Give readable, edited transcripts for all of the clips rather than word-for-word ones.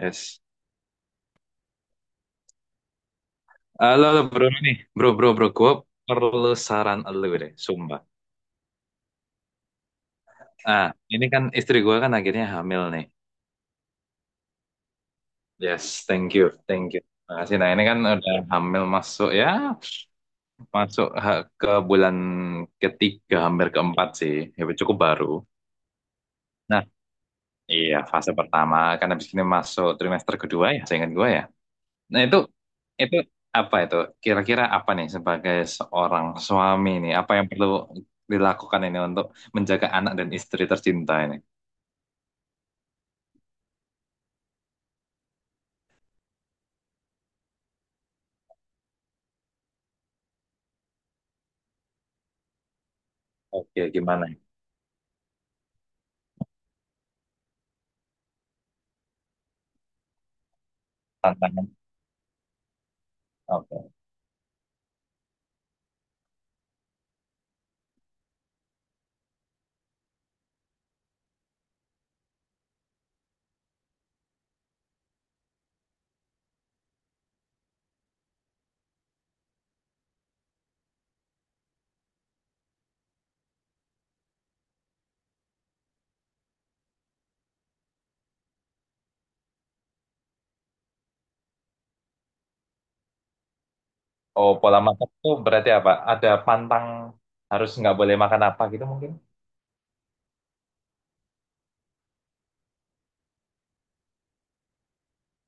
Yes. Halo, halo, bro nih. Bro, bro, bro. Gue perlu saran lu deh, sumpah. Ah, ini kan istri gue kan akhirnya hamil nih. Yes, thank you, thank you. Makasih. Nah, ini kan udah hamil masuk ya, masuk ke bulan ketiga, hampir keempat sih. Ya, cukup baru. Nah, iya, fase pertama. Kan habis ini masuk trimester kedua ya, seingat gue ya. Nah itu apa itu? Kira-kira apa nih sebagai seorang suami nih? Apa yang perlu dilakukan ini untuk menjaga anak dan istri tercinta ini? Oke, gimana, ya? Tantangan? Oke. Oh, pola makan itu berarti apa? Ada pantang harus nggak boleh makan apa gitu mungkin?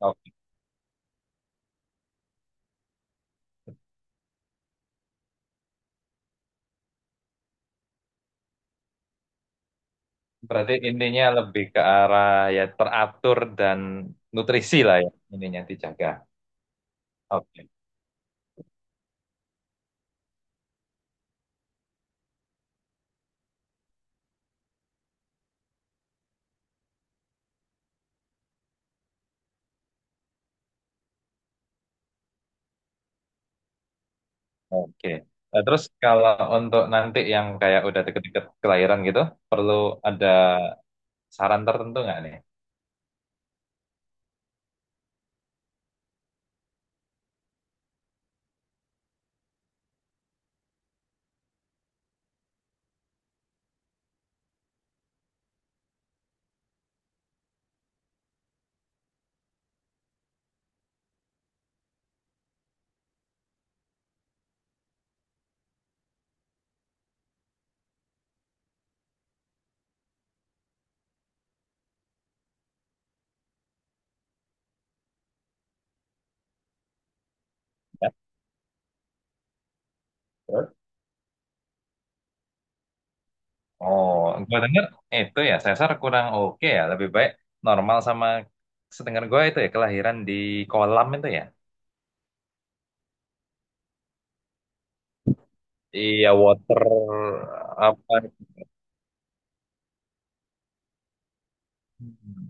Oke. Berarti intinya lebih ke arah ya teratur dan nutrisi lah ya ininya dijaga. Oke. Oke. Nah, terus kalau untuk nanti yang kayak udah deket-deket kelahiran gitu, perlu ada saran tertentu nggak nih? Ya, terus? Oh, gue denger itu ya sesar kurang oke ya, lebih baik normal, sama sedengar gue itu ya kelahiran di kolam itu ya. Iya, water apa? Hmm.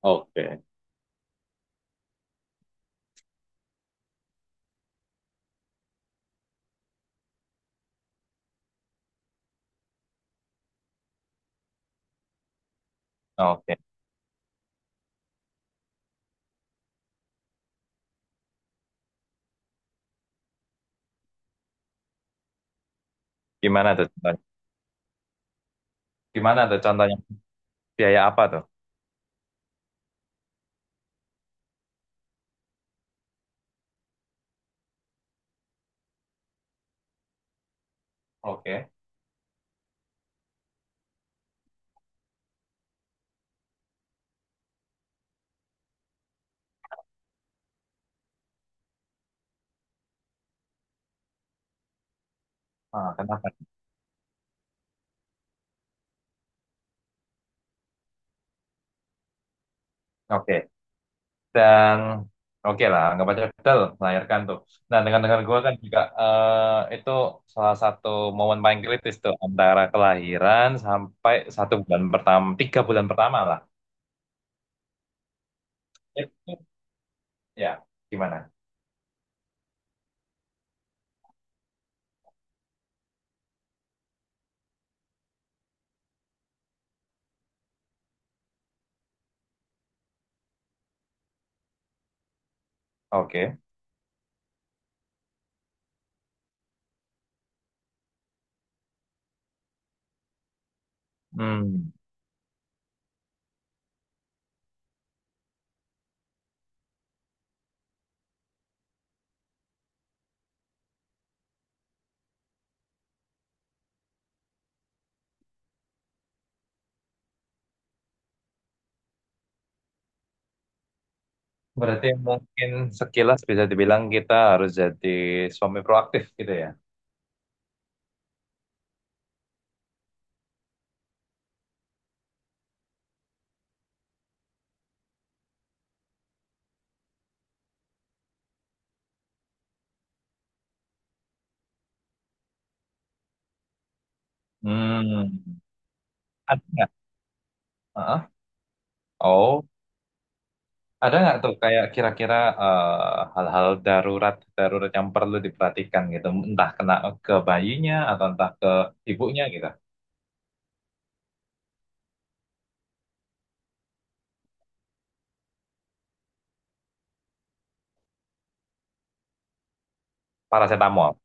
Oke. Oke, gimana tuh contohnya? Gimana tuh contohnya? Biaya apa tuh? Oke. Ah, kenapa? Oke. Dan oke lah anggap aja Fidel melahirkan tuh, nah dengan gue kan juga itu salah satu momen paling kritis tuh antara kelahiran sampai satu bulan pertama, tiga bulan pertama lah itu, ya gimana? Oke. Hmm, berarti mungkin sekilas bisa dibilang kita harus jadi suami proaktif gitu ya. Hmm, ada nggak? Heeh. Oh, ada nggak tuh kayak kira-kira hal-hal darurat darurat yang perlu diperhatikan gitu, entah kena ke bayinya atau entah ke ibunya gitu. Paracetamol,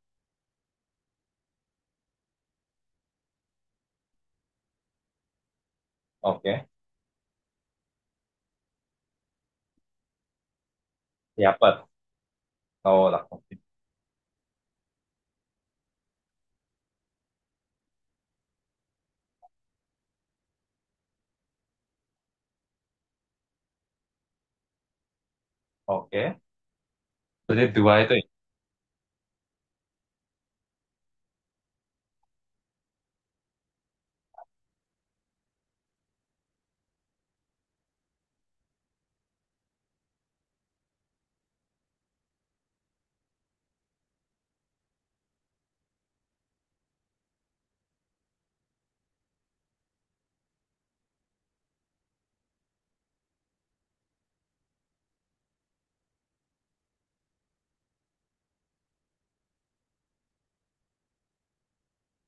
oke. Yapet, oh lakukan. Oke. Berarti dua itu, ya.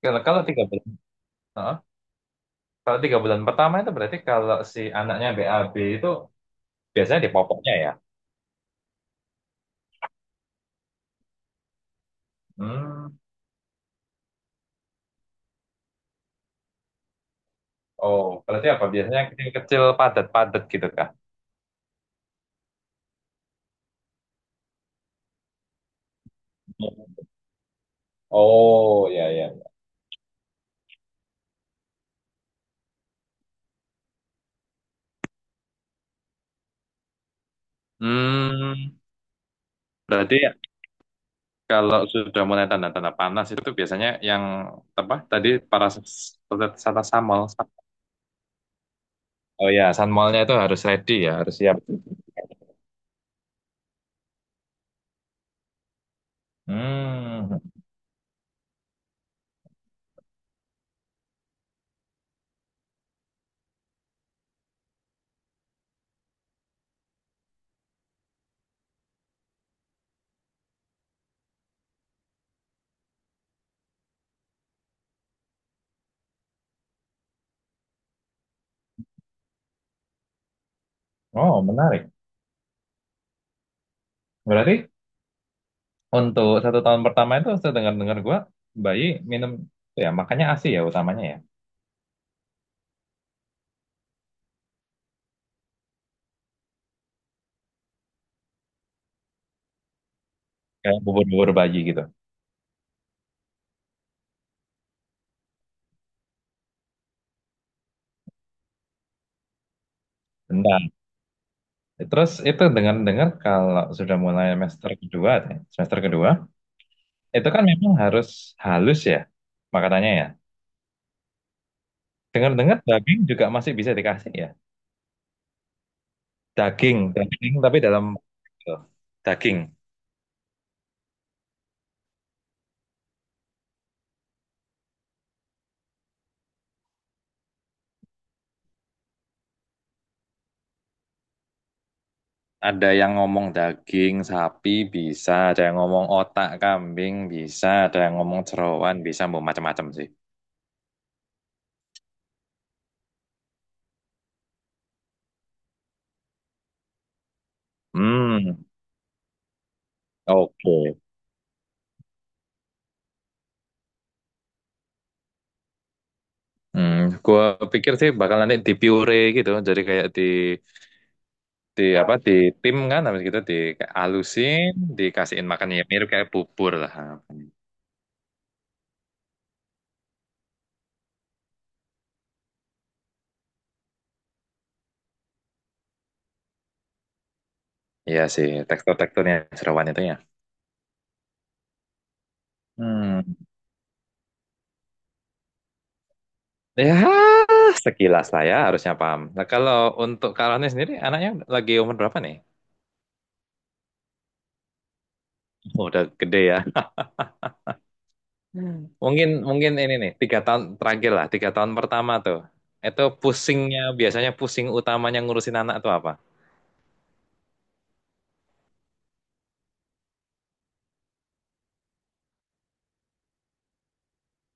Kalau kalau tiga bulan, heeh, kalau tiga bulan pertama itu berarti kalau si anaknya BAB itu biasanya di popoknya ya. Hmm. Oh, berarti apa? Biasanya kecil-kecil padat-padat gitu kah? Oh, ya ya, ya. Hmm, berarti kalau sudah mulai tanda-tanda panas itu biasanya yang apa tadi, paracetamol. Oh ya, sunmolnya itu harus ready ya, harus siap. Hmm. Oh, menarik. Berarti untuk satu tahun pertama itu saya dengar-dengar gua bayi minum ya makanya ASI ya utamanya ya. Kayak bubur-bubur bayi gitu. Bentar. Terus itu dengar-dengar kalau sudah mulai semester kedua, ya semester kedua, itu kan memang harus halus ya makanannya ya. Dengar-dengar daging juga masih bisa dikasih ya. Daging, daging tapi dalam daging. Ada yang ngomong daging sapi bisa, ada yang ngomong otak kambing bisa, ada yang ngomong jeroan bisa, mau macam-macam sih. Hmm, oke. Hmm, gua pikir sih bakal nanti di puree gitu, jadi kayak di apa di tim kan, habis gitu di alusin, dikasihin makan ya mirip kayak bubur lah. Iya sih, tekstur-teksturnya jeroan itu ya. Hmm. Ya, sekilas lah ya harusnya paham. Nah, kalau untuk Karolnya sendiri, anaknya lagi umur berapa nih? Oh, udah gede ya. Hmm. Mungkin mungkin ini nih, tiga tahun terakhir lah, tiga tahun pertama tuh. Itu pusingnya, biasanya pusing utamanya ngurusin anak tuh apa?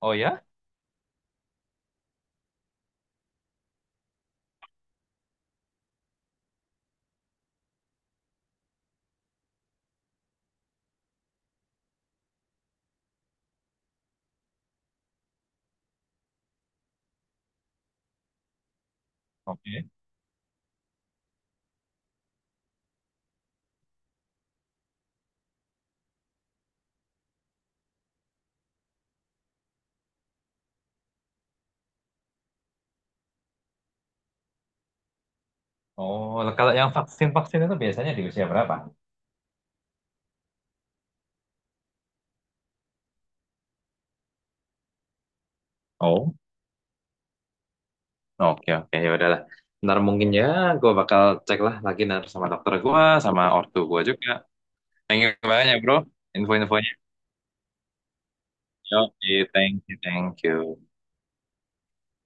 Oh ya? Oke. Oh, kalau yang vaksin-vaksin itu biasanya di usia berapa? Oh, oke oke ya udahlah. Ntar mungkin ya, gue bakal cek lah lagi ntar sama dokter gue, sama ortu gue juga. Thank you banyak ya bro, info-info. Oke, thank you, thank you.